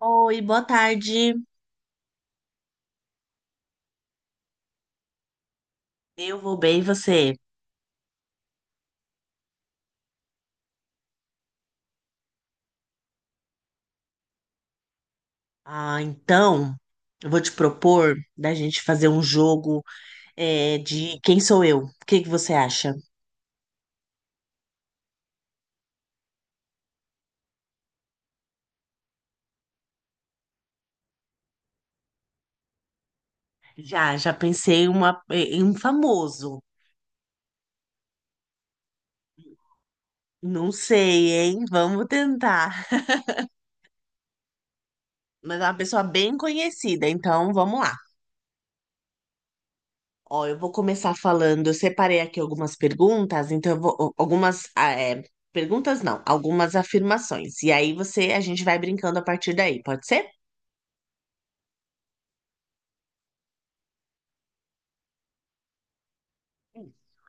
Oi, boa tarde. Eu vou bem, e você? Ah, então, eu vou te propor da gente fazer um jogo, de quem sou eu? O que que você acha? Já, pensei em um famoso. Não sei, hein? Vamos tentar. Mas é uma pessoa bem conhecida, então vamos lá. Ó, eu vou começar falando. Eu separei aqui algumas perguntas, então eu vou. Algumas. Perguntas não, algumas afirmações. E aí você, a gente vai brincando a partir daí, pode ser?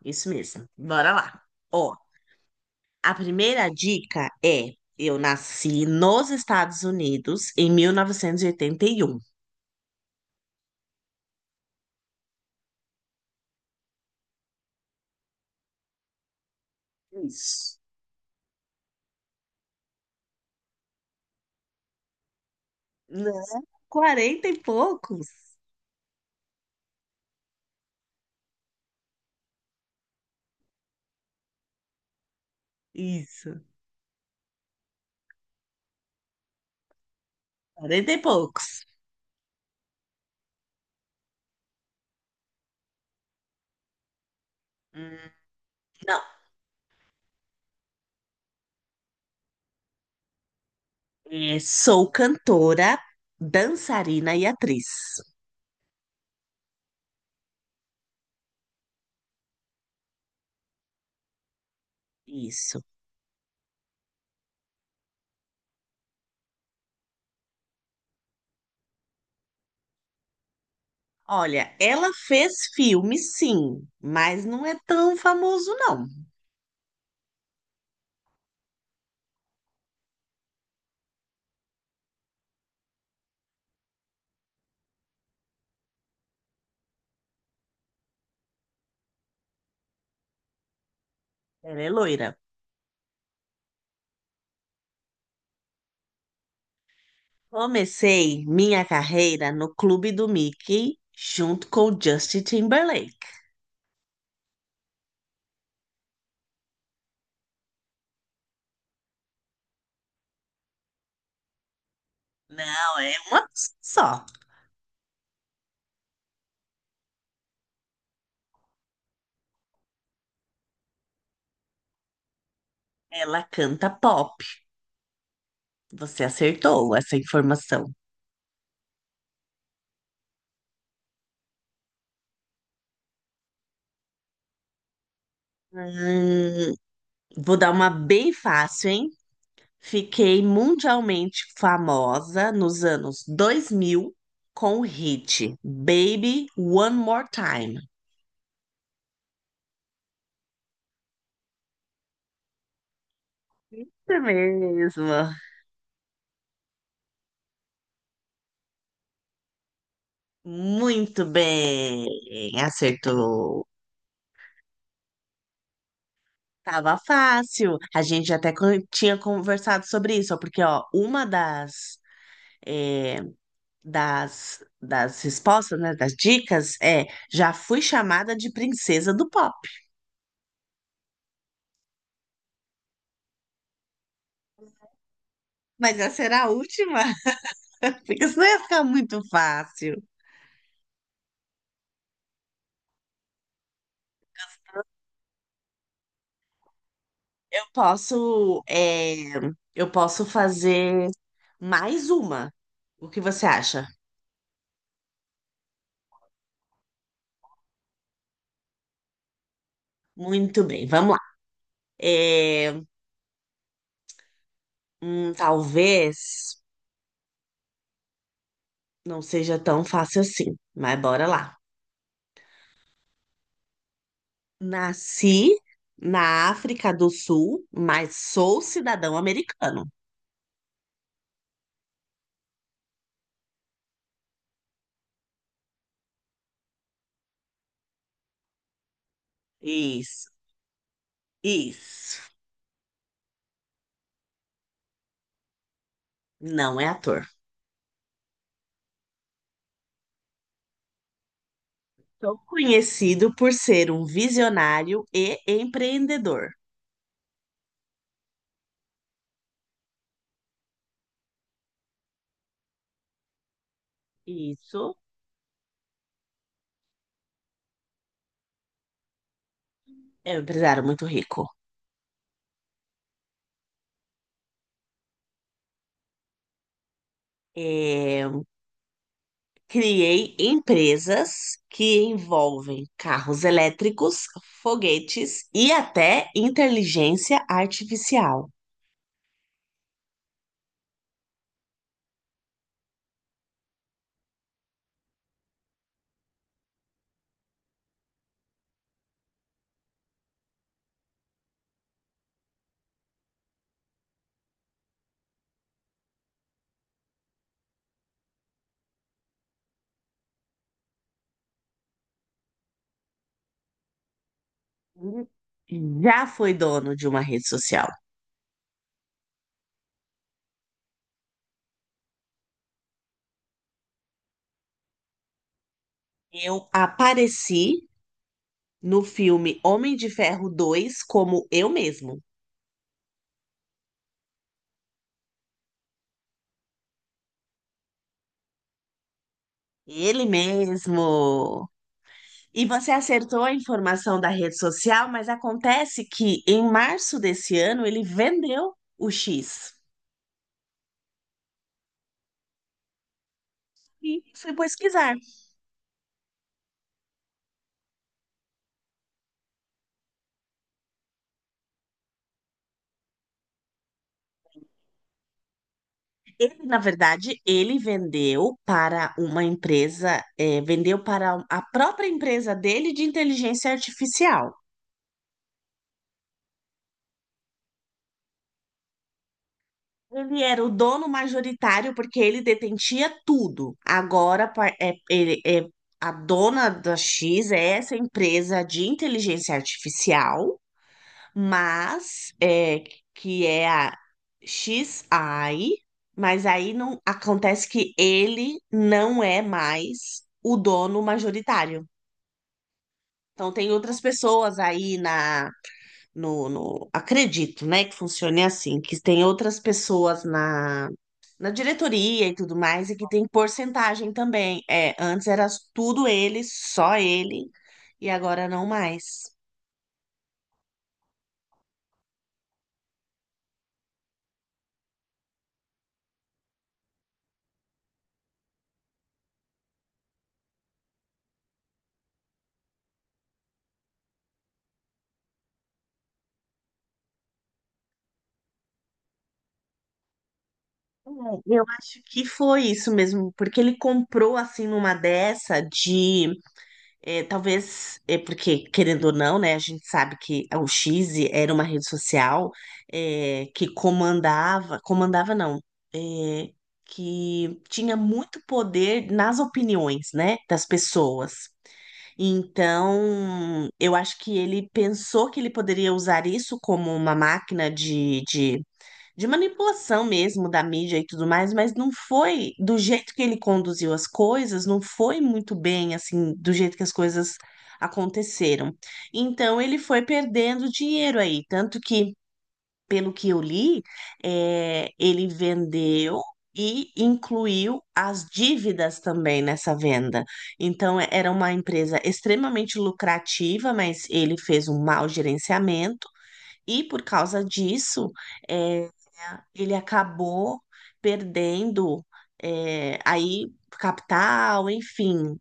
Isso mesmo. Bora lá. Ó, a primeira dica é: eu nasci nos Estados Unidos em mil novecentos e oitenta e um. Isso. Né? Quarenta e poucos. Isso. Quarenta e poucos. Hum, Não. Sou cantora, dançarina e atriz. Isso. Olha, ela fez filme, sim, mas não é tão famoso, não. Ela é loira. Comecei minha carreira no Clube do Mickey junto com o Justin Timberlake. Não, é uma só. Ela canta pop. Você acertou essa informação. Hum, Vou dar uma bem fácil, hein? Fiquei mundialmente famosa nos anos 2000 com o hit Baby One More Time. Isso mesmo. Muito bem, acertou. Tava fácil. A gente até tinha conversado sobre isso, ó, porque ó, uma é, das respostas, né, das dicas é já fui chamada de princesa do pop. Mas essa era a última, porque senão ia ficar muito fácil. Eu posso, é, eu posso fazer mais uma. O que você acha? Muito bem, vamos lá. É, Talvez não seja tão fácil assim, mas bora lá. Nasci na África do Sul, mas sou cidadão americano. Isso, isso. Não é ator. Sou conhecido por ser um visionário e empreendedor. Isso é um empresário muito rico. É, Criei empresas que envolvem carros elétricos, foguetes e até inteligência artificial. Já fui dono de uma rede social. Eu apareci no filme Homem de Ferro 2 como eu mesmo. Ele mesmo. E você acertou a informação da rede social, mas acontece que em março desse ano ele vendeu o X. E fui pesquisar. Ele, na verdade, ele vendeu para uma empresa, vendeu para a própria empresa dele de inteligência artificial. Ele era o dono majoritário porque ele detentia tudo. Agora a dona da X é essa empresa de inteligência artificial, mas é, que é a XI, mas aí não acontece que ele não é mais o dono majoritário. Então tem outras pessoas aí na no, no acredito, né, que funcione assim, que tem outras pessoas na diretoria e tudo mais, e que tem porcentagem também. Antes era tudo ele, só ele, e agora não mais. É, Eu acho que foi isso mesmo, porque ele comprou assim numa dessa de talvez é porque querendo ou não, né? A gente sabe que o X era uma rede social, que comandava, comandava não, é, que tinha muito poder nas opiniões, né, das pessoas. Então, eu acho que ele pensou que ele poderia usar isso como uma máquina de manipulação mesmo da mídia e tudo mais, mas não foi do jeito que ele conduziu as coisas, não foi muito bem assim, do jeito que as coisas aconteceram. Então, ele foi perdendo dinheiro aí, tanto que pelo que eu li, ele vendeu e incluiu as dívidas também nessa venda. Então, era uma empresa extremamente lucrativa, mas ele fez um mau gerenciamento e, por causa disso, é, ele acabou perdendo aí capital, enfim,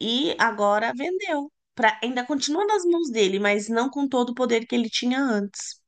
e agora vendeu. Pra, ainda continua nas mãos dele, mas não com todo o poder que ele tinha antes.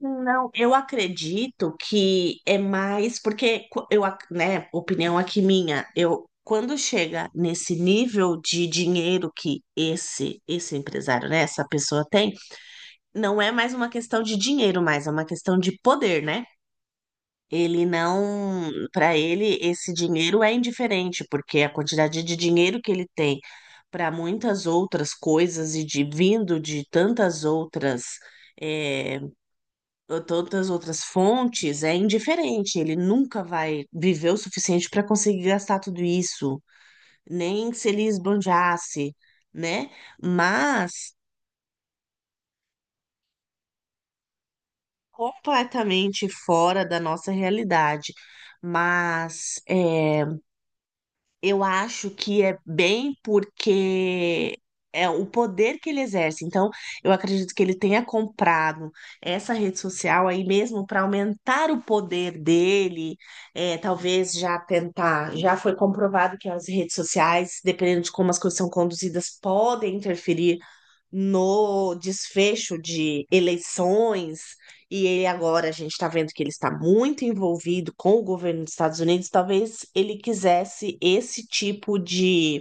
Não, eu acredito que é mais porque né, opinião aqui minha, eu quando chega nesse nível de dinheiro que esse empresário, né, essa pessoa tem, não é mais uma questão de dinheiro, mas é uma questão de poder, né? Ele não, para ele esse dinheiro é indiferente, porque a quantidade de dinheiro que ele tem para muitas outras coisas e de vindo de tantas outras eh, tantas outras fontes, é indiferente. Ele nunca vai viver o suficiente para conseguir gastar tudo isso, nem se ele esbanjasse, né? Mas completamente fora da nossa realidade. Mas é, Eu acho que é bem porque é o poder que ele exerce. Então, eu acredito que ele tenha comprado essa rede social aí mesmo para aumentar o poder dele. Talvez já tentar. Já foi comprovado que as redes sociais, dependendo de como as coisas são conduzidas, podem interferir no desfecho de eleições. E ele agora, a gente está vendo que ele está muito envolvido com o governo dos Estados Unidos. Talvez ele quisesse esse tipo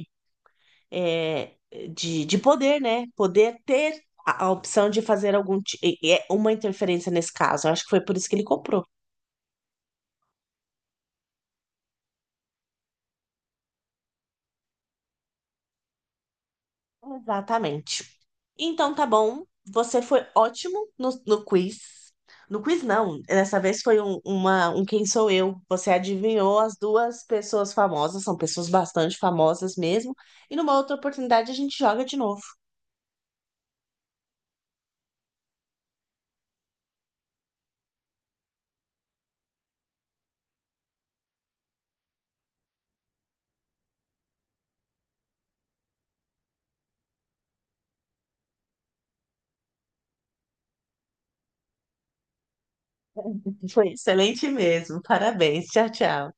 é, de poder, né? Poder ter a opção de fazer algum ti- e é uma interferência nesse caso. Eu acho que foi por isso que ele comprou. Exatamente. Então tá bom, você foi ótimo no quiz. No quiz não, dessa vez foi um Quem Sou Eu. Você adivinhou as duas pessoas famosas, são pessoas bastante famosas mesmo. E numa outra oportunidade a gente joga de novo. Foi excelente mesmo, parabéns, tchau, tchau.